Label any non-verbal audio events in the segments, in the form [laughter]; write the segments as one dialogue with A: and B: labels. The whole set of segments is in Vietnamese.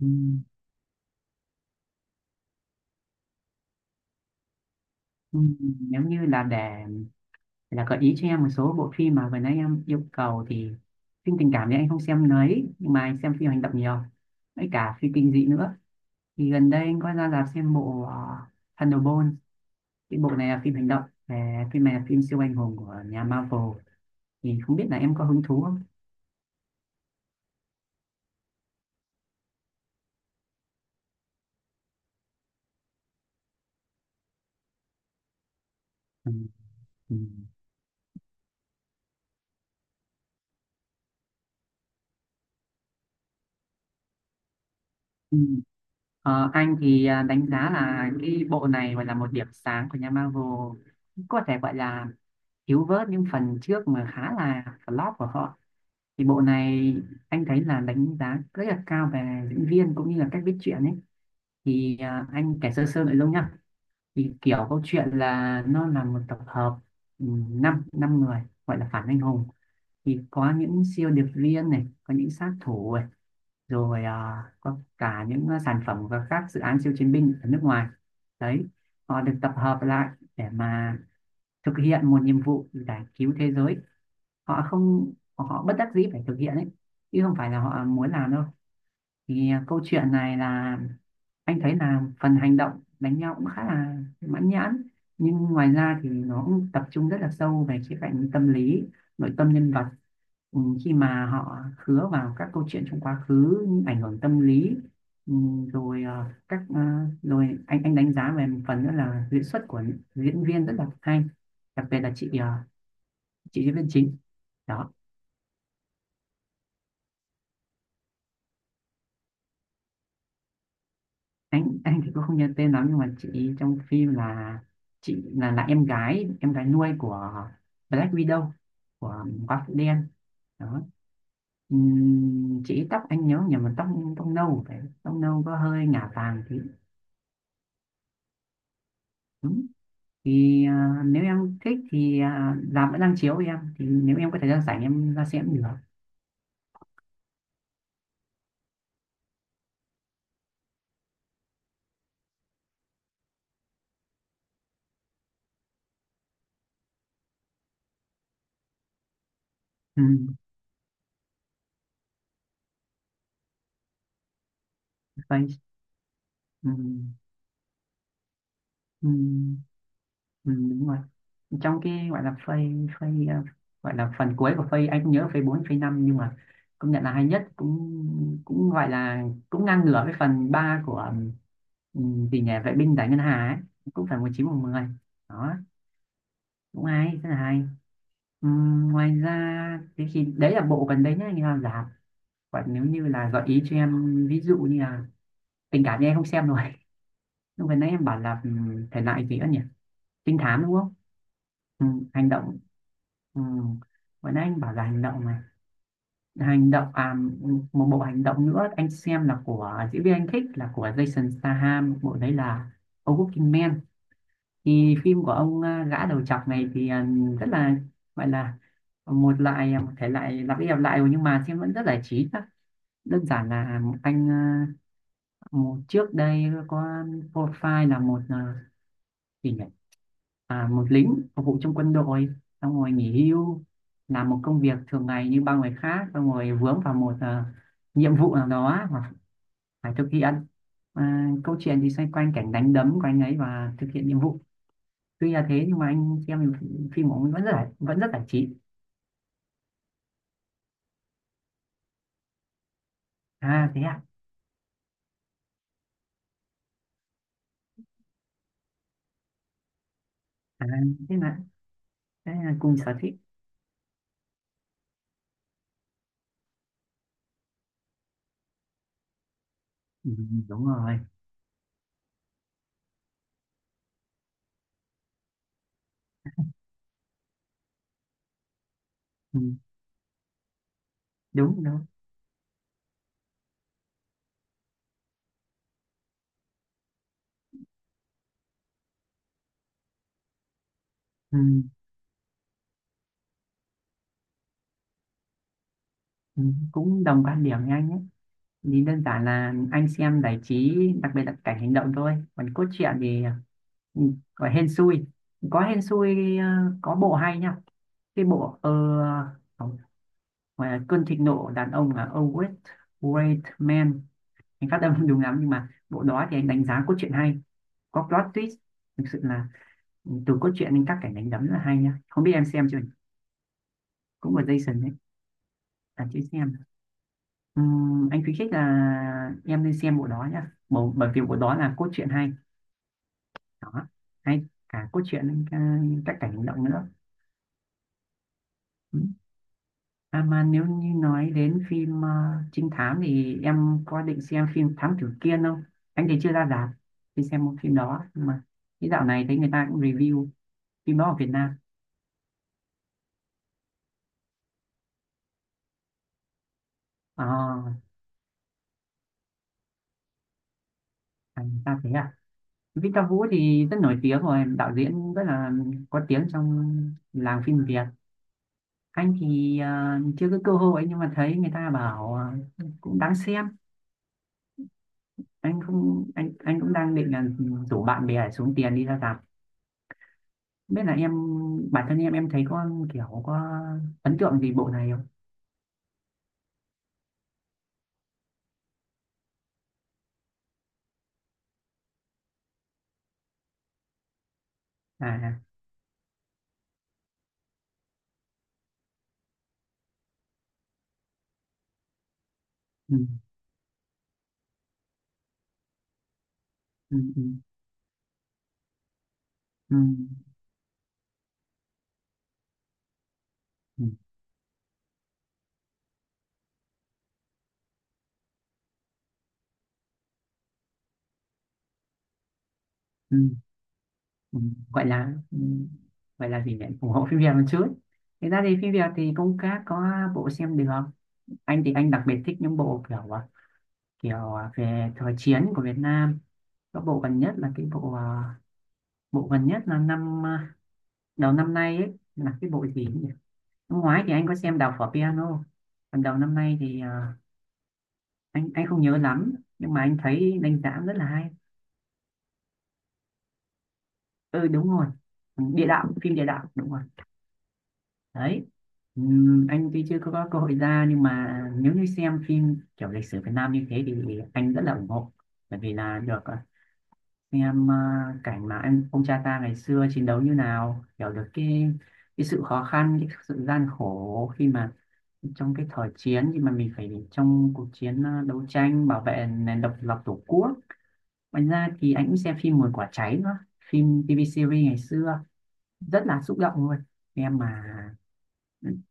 A: Ừ, ừ, giống như là là gợi ý cho em một số bộ phim mà vừa nãy em yêu cầu. Thì phim tình cảm thì anh không xem mấy, nhưng mà anh xem phim hành động nhiều, với cả phim kinh dị nữa. Thì gần đây anh có ra rạp xem bộ Thunderbolt. Cái bộ này là phim hành động. Về phim này là phim siêu anh hùng của nhà Marvel, thì không biết là em có hứng thú không. Ừ. Ừ. Ừ. Anh thì đánh giá là cái bộ này gọi là một điểm sáng của nhà Marvel, có thể gọi là thiếu vớt những phần trước mà khá là flop của họ. Thì bộ này anh thấy là đánh giá rất là cao về diễn viên cũng như là cách viết truyện ấy. Thì anh kể sơ sơ nội dung nhá. Thì kiểu câu chuyện là nó là một tập hợp, năm năm người gọi là phản anh hùng. Thì có những siêu điệp viên này, có những sát thủ, rồi có cả những sản phẩm và các dự án siêu chiến binh ở nước ngoài đấy. Họ được tập hợp lại để mà thực hiện một nhiệm vụ giải cứu thế giới. Họ không họ bất đắc dĩ phải thực hiện ấy, chứ không phải là họ muốn làm đâu. Thì câu chuyện này là anh thấy là phần hành động đánh nhau cũng khá là mãn nhãn, nhưng ngoài ra thì nó cũng tập trung rất là sâu về khía cạnh tâm lý, nội tâm nhân vật, khi mà họ khứa vào các câu chuyện trong quá khứ, những ảnh hưởng tâm lý. Ừ, rồi ờ, các ờ, Rồi anh đánh giá về một phần nữa là diễn xuất của diễn viên rất là hay, đặc biệt là chị chị diễn viên chính đó. Anh thì cũng không nhớ tên lắm, nhưng mà chị trong phim là chị là em gái nuôi của Black Widow, của Quả Phụ Đen đó. Chị tóc, anh nhớ nhầm là tóc, tóc nâu, phải, tóc nâu có hơi ngả vàng thì đúng. Thì nếu em thích thì làm vẫn đang chiếu, em thì nếu em có thời gian rảnh em ra xem cũng được. Ừ, vậy. Ừ, ừ, ừ, đúng rồi, trong cái gọi là phase, phase ờ, gọi là phần cuối của phase, anh không nhớ phase 4 phase năm, nhưng mà công nhận là hay nhất, cũng cũng gọi là cũng ngang ngửa với phần 3 của, vì nhà vệ binh giải ngân hà ấy, cũng phải một chín một 10 đó. Cũng hay, rất là hay. Ngoài ra thì đấy là bộ gần đấy nhá, như là giảm. Còn nếu như là gợi ý cho em, ví dụ như là tình cảm thì em không xem rồi, lúc gần nãy em bảo là, thể loại gì nữa nhỉ, trinh thám đúng không. Ừ, hành động. Ừ. Vừa nãy anh bảo là hành động này, hành động, một bộ hành động nữa anh xem là của diễn viên anh thích là của Jason Statham, bộ đấy là A Working Man. Thì phim của ông, gã đầu trọc này thì rất là, gọi là một loại, một thể loại lặp đi lặp lại nhưng mà xem vẫn rất giải trí đó. Đơn giản là anh, một trước đây có profile là một, thì nhỉ? Một lính phục vụ trong quân đội, xong rồi nghỉ hưu, làm một công việc thường ngày như bao người khác, xong rồi vướng vào một nhiệm vụ nào đó mà phải thực hiện. Câu chuyện thì xoay quanh cảnh đánh đấm của anh ấy và thực hiện nhiệm vụ. Tuy là thế nhưng mà anh xem phim của ông vẫn rất là, vẫn rất giải trí. À thế à, à thế là, thế là cùng sở thích. Ừ, đúng rồi. Ừ, đúng đúng. Ừ, ừ, cũng đồng quan điểm với anh ấy. Nhìn đơn giản là anh xem giải trí, đặc biệt là cảnh hành động thôi, còn cốt truyện thì, ừ, gọi hên xui, có hên xui. Ờ, có bộ hay nha, cái bộ không, mà cơn thịnh nộ đàn ông là Always Great Man, anh phát âm không đúng lắm, nhưng mà bộ đó thì anh đánh giá cốt truyện hay, có plot twist, thực sự là, từ cốt truyện đến các cảnh đánh đấm là hay nha, không biết em xem chưa nhỉ? Cũng là Jason đấy. À chứ xem. Anh khuyến khích là em nên xem bộ đó nhá bộ, bởi vì bộ đó là cốt truyện hay đó, hay cả cốt truyện, các cảnh hành động nữa. Ừ. À mà nếu như nói đến phim, trinh thám thì em có định xem phim Thám Tử Kiên không. Anh thì chưa ra rạp đi xem một phim đó, nhưng mà cái dạo này thấy người ta cũng review phim đó ở Việt Nam. À, người ta thế à. Victor Vũ thì rất nổi tiếng rồi, đạo diễn rất là có tiếng trong làng phim Việt. Anh thì chưa có cơ hội, nhưng mà thấy người ta bảo, cũng đáng xem. Anh không anh anh cũng đang định là rủ bạn bè để xuống tiền đi ra rạp. Biết là em, bản thân em thấy có kiểu có ấn tượng gì bộ này không. À. Ừ, ừ, ừ, ừ, ừ, ừ, ừ. Gọi là, gọi là gì nhỉ, ủng hộ phim Việt một chút. Thực ra thì phim Việt thì cũng các có bộ xem được. Anh thì anh đặc biệt thích những bộ kiểu, kiểu, về thời chiến của Việt Nam, có bộ gần nhất là cái bộ, bộ gần nhất là năm, đầu năm nay ấy, là cái bộ gì. Năm ngoái thì anh có xem Đào phở piano. Còn đầu năm nay thì anh không nhớ lắm, nhưng mà anh thấy đánh giá rất là hay. Ừ, đúng rồi. Địa đạo, phim địa đạo đúng rồi. Đấy. Anh tuy chưa có, có cơ hội ra, nhưng mà nếu như xem phim kiểu lịch sử Việt Nam như thế thì anh rất là ủng hộ. Bởi vì là được xem cảnh mà anh, ông cha ta ngày xưa chiến đấu như nào, hiểu được cái sự khó khăn, cái sự gian khổ khi mà trong cái thời chiến thì mà mình phải trong cuộc chiến đấu tranh bảo vệ nền độc lập tổ quốc. Ngoài ra thì anh cũng xem phim Mùi Quả Cháy nữa, phim TV series ngày xưa, rất là xúc động luôn. Em mà,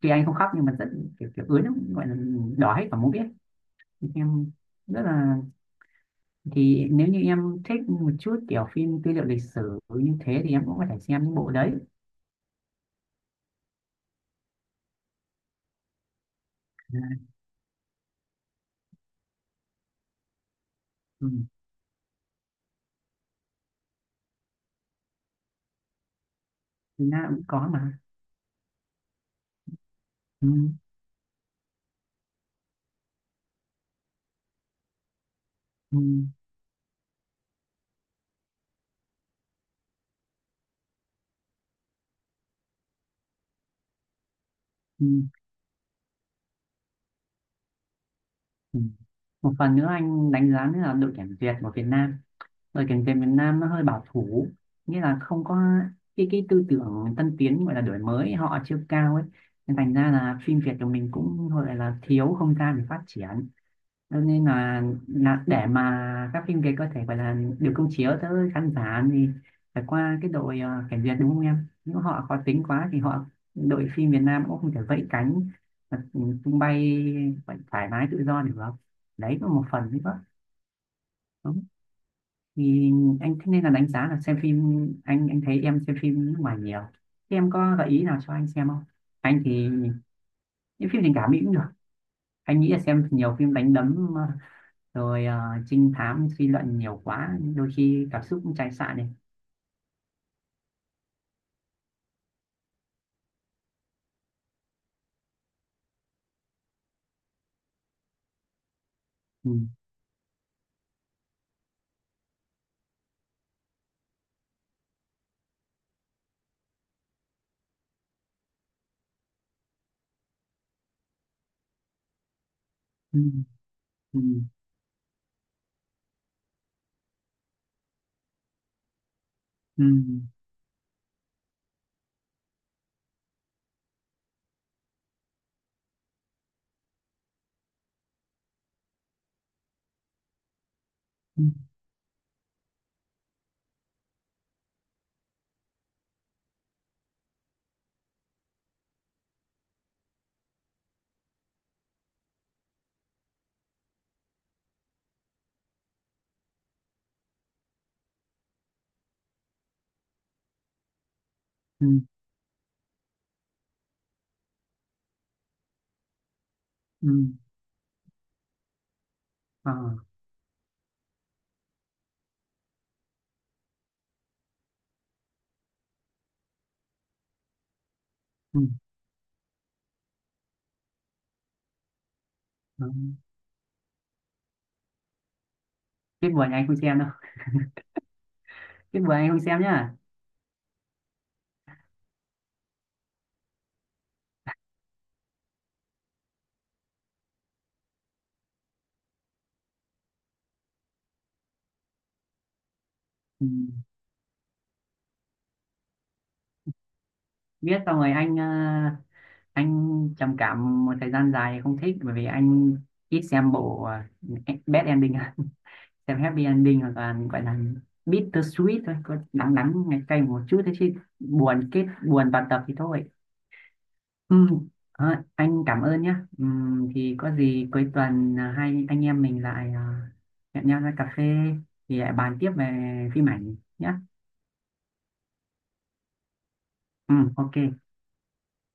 A: tuy anh không khóc nhưng mà rất kiểu kiểu ướt lắm, gọi là đỏ hết cả, muốn biết em, rất là, thì nếu như em thích một chút kiểu phim tư liệu lịch sử như thế thì em cũng có thể xem những bộ đấy. À, ừ. Việt Nam cũng có mà. Ừ. Ừ. Ừ. Ừ. Một phần nữa anh đánh giá nữa là đội tuyển Việt của Việt Nam, rồi cảnh về miền Nam nó hơi bảo thủ, nghĩa là không có cái tư tưởng tân tiến, gọi là đổi mới họ chưa cao ấy, nên thành ra là phim Việt của mình cũng gọi là thiếu không gian để phát triển. Cho nên là để mà các phim Việt có thể gọi là được công chiếu tới khán giả thì phải qua cái đội cảnh Việt, đúng không em, nếu họ khó tính quá thì họ, đội phim Việt Nam cũng không thể vẫy cánh mà tung bay, phải thoải mái tự do được. Đấy cũng là một phần đấy đó. Thì anh thế nên là đánh giá là xem phim. Anh thấy em xem phim nước ngoài nhiều, thế em có gợi ý nào cho anh xem không. Anh thì những phim tình cảm Mỹ cũng được, anh nghĩ là xem nhiều phim đánh đấm rồi trinh thám suy luận nhiều quá, đôi khi cảm xúc cũng chai sạn này. Ừ. Ừ. Ừ. Ừ. Ừ. Ừ. Ừ. Ờ. Ừ. Ừ. Tiếc buồn anh không xem đâu, biết buồn anh không xem nhá. Ừ. Biết xong rồi anh, anh trầm cảm một thời gian dài không thích, bởi vì anh ít xem bộ, bad ending. [laughs] Xem happy ending hoặc là gọi là bitter sweet thôi, có đắng đắng ngày cay một chút thế chứ buồn kết buồn toàn tập thì thôi. Ừ. À, anh cảm ơn nhé. Ừ, thì có gì cuối tuần, hai anh em mình lại hẹn nhau ra cà phê, thì lại bàn tiếp về phim ảnh nhé. Ừ, ok.